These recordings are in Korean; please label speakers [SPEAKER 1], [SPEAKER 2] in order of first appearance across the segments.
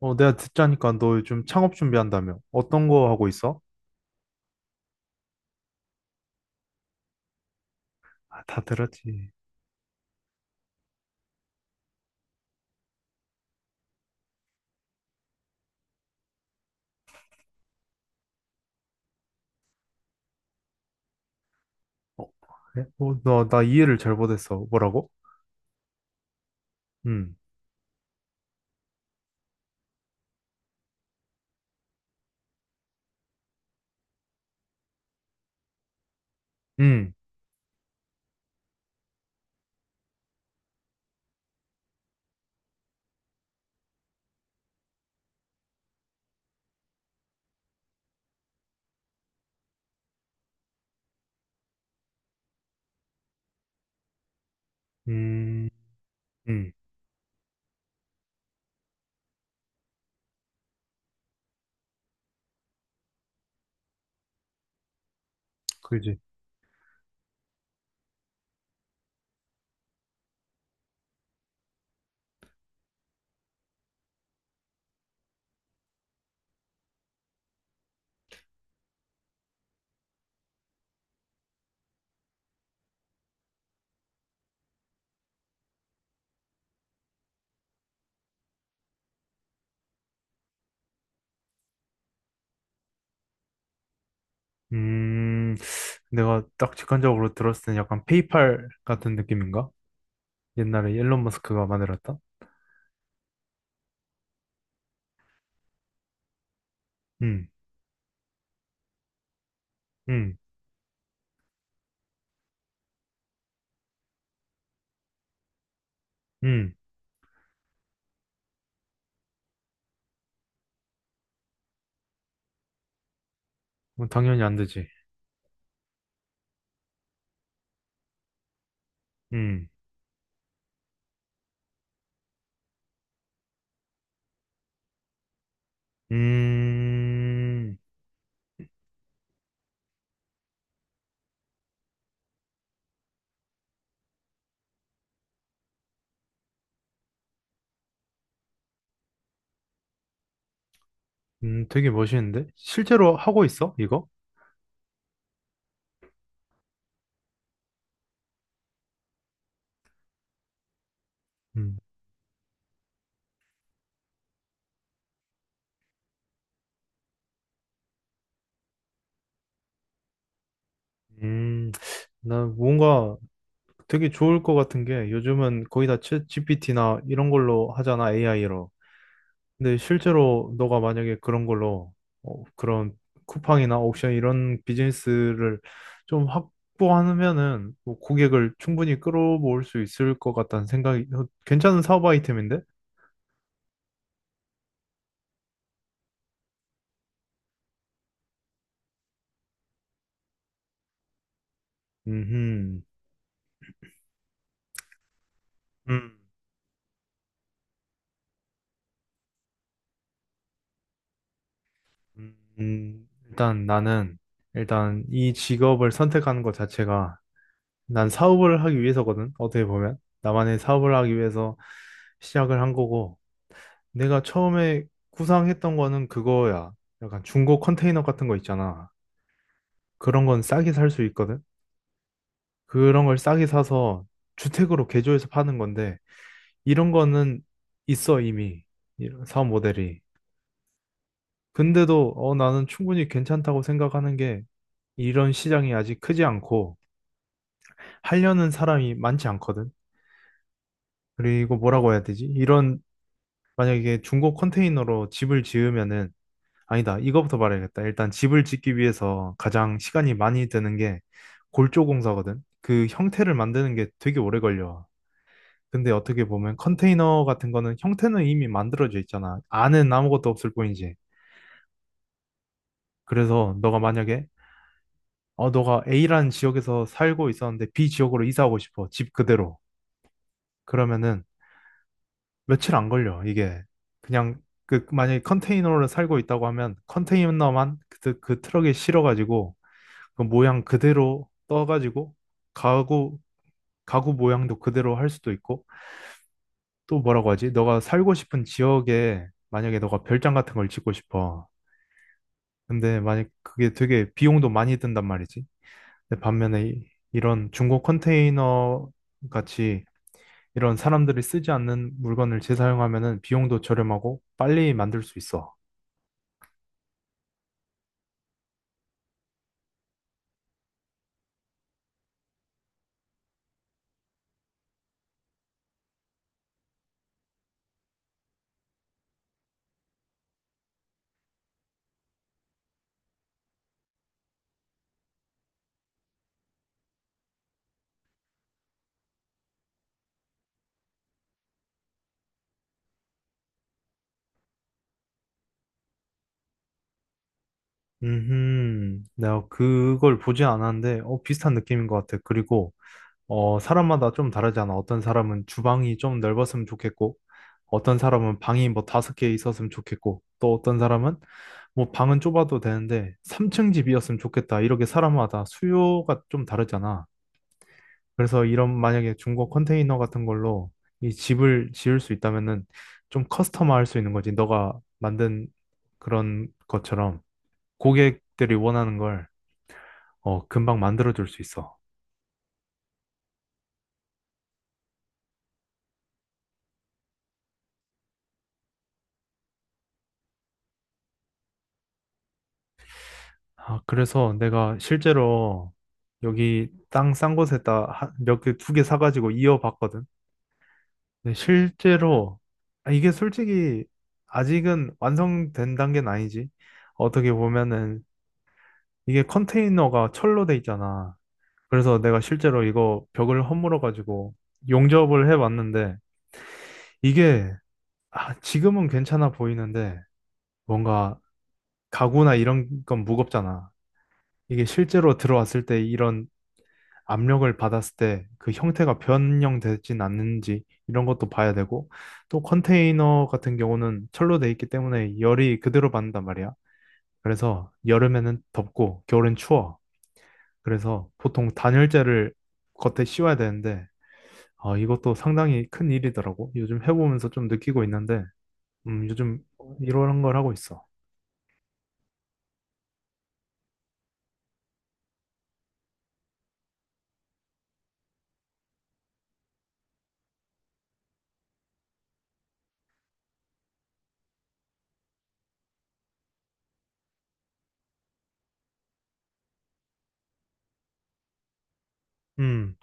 [SPEAKER 1] 내가 듣자니까 너 요즘 창업 준비한다며. 어떤 거 하고 있어? 아, 다 들었지. 어, 그래? 나 이해를 잘 못했어. 뭐라고? 음, 음, 음, 음, 그지. 음, 내가 딱 직관적으로 들었을 땐 약간 페이팔 같은 느낌인가? 옛날에 일론 머스크가 만들었다? 음, 음, 음, 뭐 당연히 안 되지. 음, 음, 되게 멋있는데? 실제로 하고 있어, 이거? 음, 음, 나 뭔가 되게 좋을 것 같은 게 요즘은 거의 다 챗 GPT나 이런 걸로 하잖아, AI로. 근데 실제로 너가 만약에 그런 걸로 그런 쿠팡이나 옥션 이런 비즈니스를 좀 확보하면은 뭐 고객을 충분히 끌어모을 수 있을 것 같다는 생각이. 괜찮은 사업 아이템인데? 음, 음, 일단 나는 일단 이 직업을 선택하는 것 자체가 난 사업을 하기 위해서거든, 어떻게 보면. 나만의 사업을 하기 위해서 시작을 한 거고, 내가 처음에 구상했던 거는 그거야. 약간 중고 컨테이너 같은 거 있잖아. 그런 건 싸게 살 수 있거든? 그런 걸 싸게 사서 주택으로 개조해서 파는 건데, 이런 거는 있어, 이미. 이런 사업 모델이. 근데도, 나는 충분히 괜찮다고 생각하는 게, 이런 시장이 아직 크지 않고, 하려는 사람이 많지 않거든? 그리고 뭐라고 해야 되지? 이런 만약에 이게 중고 컨테이너로 집을 지으면은 아니다. 이거부터 말해야겠다. 일단 집을 짓기 위해서 가장 시간이 많이 드는 게 골조 공사거든. 그 형태를 만드는 게 되게 오래 걸려. 근데 어떻게 보면 컨테이너 같은 거는 형태는 이미 만들어져 있잖아. 안은 아무것도 없을 뿐이지. 그래서 너가 만약에 너가 A라는 지역에서 살고 있었는데 B 지역으로 이사하고 싶어. 집 그대로. 그러면은 며칠 안 걸려. 이게 그냥 그 만약에 컨테이너로 살고 있다고 하면 컨테이너만 그 트럭에 실어가지고 그 모양 그대로 떠가지고 가구 가구 모양도 그대로 할 수도 있고 또 뭐라고 하지? 너가 살고 싶은 지역에 만약에 너가 별장 같은 걸 짓고 싶어. 근데 만약 그게 되게 비용도 많이 든단 말이지. 근데 반면에 이런 중고 컨테이너 같이 이런 사람들이 쓰지 않는 물건을 재사용하면은 비용도 저렴하고 빨리 만들 수 있어. 내가 그걸 보지 않았는데, 비슷한 느낌인 것 같아. 그리고, 사람마다 좀 다르잖아. 어떤 사람은 주방이 좀 넓었으면 좋겠고, 어떤 사람은 방이 뭐 다섯 개 있었으면 좋겠고, 또 어떤 사람은 뭐 방은 좁아도 되는데, 3층 집이었으면 좋겠다. 이렇게 사람마다 수요가 좀 다르잖아. 그래서 이런 만약에 중고 컨테이너 같은 걸로 이 집을 지을 수 있다면은 좀 커스터마할 수 있는 거지. 너가 만든 그런 것처럼 고객들이 원하는 걸 금방 만들어줄 수 있어. 아, 그래서 내가 실제로 여기 땅 싼 곳에다 몇 개, 두 개 사가지고 이어봤거든. 근데 실제로, 아, 이게 솔직히 아직은 완성된 단계는 아니지. 어떻게 보면은 이게 컨테이너가 철로 돼 있잖아. 그래서 내가 실제로 이거 벽을 허물어가지고 용접을 해봤는데 이게 지금은 괜찮아 보이는데 뭔가 가구나 이런 건 무겁잖아. 이게 실제로 들어왔을 때 이런 압력을 받았을 때 그 형태가 변형되진 않는지 이런 것도 봐야 되고 또 컨테이너 같은 경우는 철로 돼 있기 때문에 열이 그대로 받는단 말이야. 그래서 여름에는 덥고 겨울엔 추워. 그래서 보통 단열재를 겉에 씌워야 되는데 아, 이것도 상당히 큰 일이더라고. 요즘 해보면서 좀 느끼고 있는데 요즘 이런 걸 하고 있어. 음.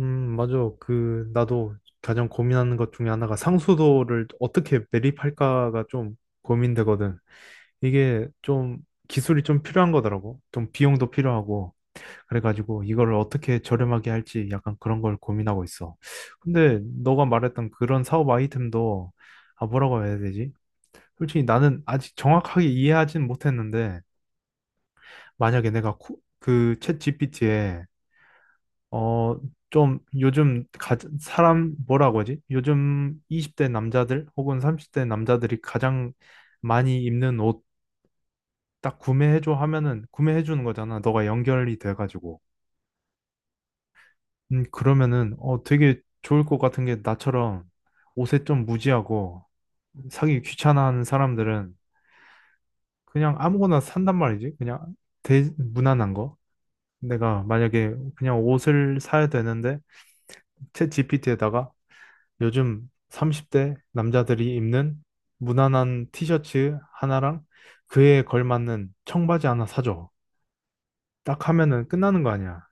[SPEAKER 1] 맞아. 그, 나도 가장 고민하는 것 중에 하나가 상수도를 어떻게 매립할까가 좀 고민되거든. 이게 좀 기술이 좀 필요한 거더라고. 좀 비용도 필요하고. 그래가지고 이걸 어떻게 저렴하게 할지 약간 그런 걸 고민하고 있어. 근데 너가 말했던 그런 사업 아이템도, 아, 뭐라고 해야 되지? 솔직히 나는 아직 정확하게 이해하진 못했는데, 만약에 내가 그 챗GPT에 어, 좀 요즘 사람 뭐라고 하지? 요즘 20대 남자들 혹은 30대 남자들이 가장 많이 입는 옷 딱 구매해줘 하면은 구매해 주는 거잖아. 너가 연결이 돼가지고. 그러면은 되게 좋을 것 같은 게 나처럼 옷에 좀 무지하고 사기 귀찮아하는 사람들은 그냥 아무거나 산단 말이지. 그냥 무난한 거. 내가 만약에 그냥 옷을 사야 되는데 챗 GPT에다가 요즘 30대 남자들이 입는 무난한 티셔츠 하나랑 그에 걸맞는 청바지 하나 사줘. 딱 하면은 끝나는 거 아니야.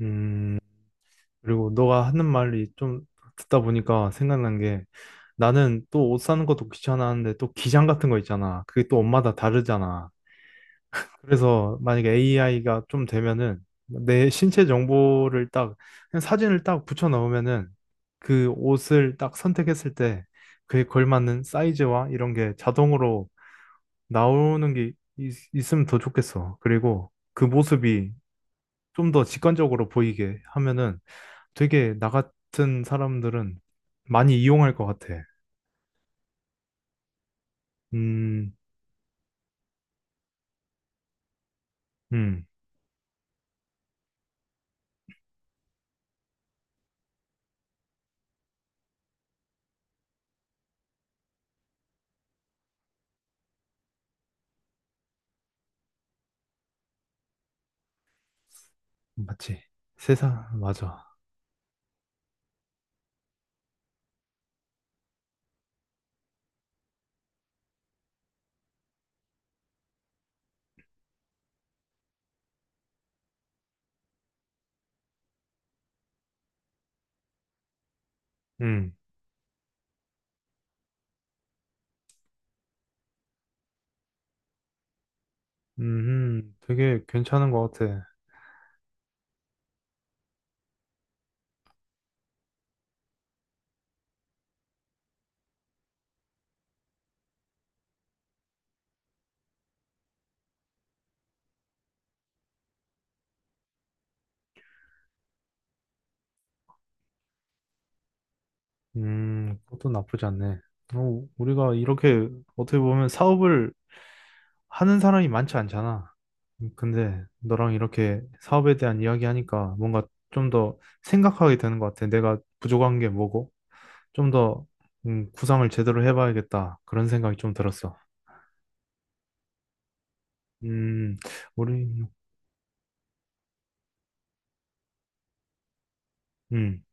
[SPEAKER 1] 음, 그리고 너가 하는 말이 좀 듣다 보니까 생각난 게 나는 또 옷 사는 것도 귀찮아하는데 또 기장 같은 거 있잖아. 그게 또 옷마다 다르잖아. 그래서 만약에 AI가 좀 되면은 내 신체 정보를 딱 그냥 사진을 딱 붙여 넣으면은 그 옷을 딱 선택했을 때 그에 걸맞는 사이즈와 이런 게 자동으로 나오는 게 있으면 더 좋겠어. 그리고 그 모습이 좀 더 직관적으로 보이게 하면은 되게 나 같은 사람들은 많이 이용할 것 같아. 음, 음, 맞지. 세상, 맞아. 음, 되게 괜찮은 것 같아. 그것도 나쁘지 않네. 우리가 이렇게 어떻게 보면 사업을 하는 사람이 많지 않잖아. 근데 너랑 이렇게 사업에 대한 이야기하니까 뭔가 좀 더 생각하게 되는 것 같아. 내가 부족한 게 뭐고? 좀 더, 구상을 제대로 해봐야겠다. 그런 생각이 좀 들었어. 음, 우리, 음,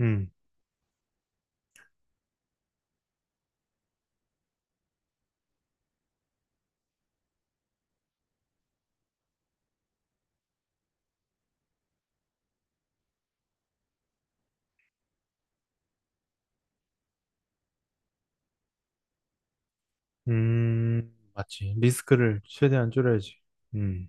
[SPEAKER 1] 음, 맞지. 리스크를 최대한 줄여야지. 음,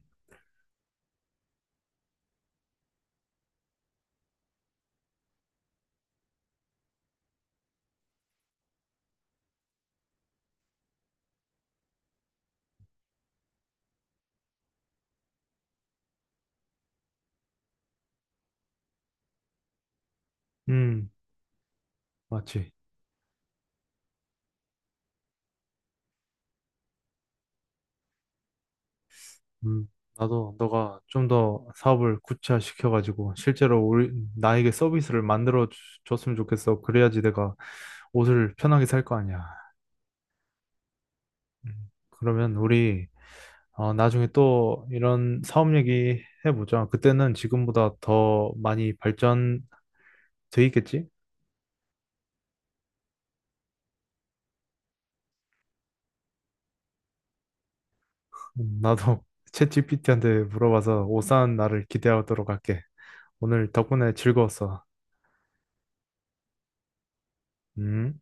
[SPEAKER 1] 음, 맞지. 음, 나도 너가 좀 더 사업을 구체화시켜가지고 실제로 우리 나에게 서비스를 만들어 줬으면 좋겠어. 그래야지 내가 옷을 편하게 살 거 아니야. 그러면 우리 나중에 또 이런 사업 얘기 해보자. 그때는 지금보다 더 많이 발전돼 있겠지? 나도 챗 GPT한테 물어봐서 옷 사는 날을 기대하도록 할게. 오늘 덕분에 즐거웠어. 음.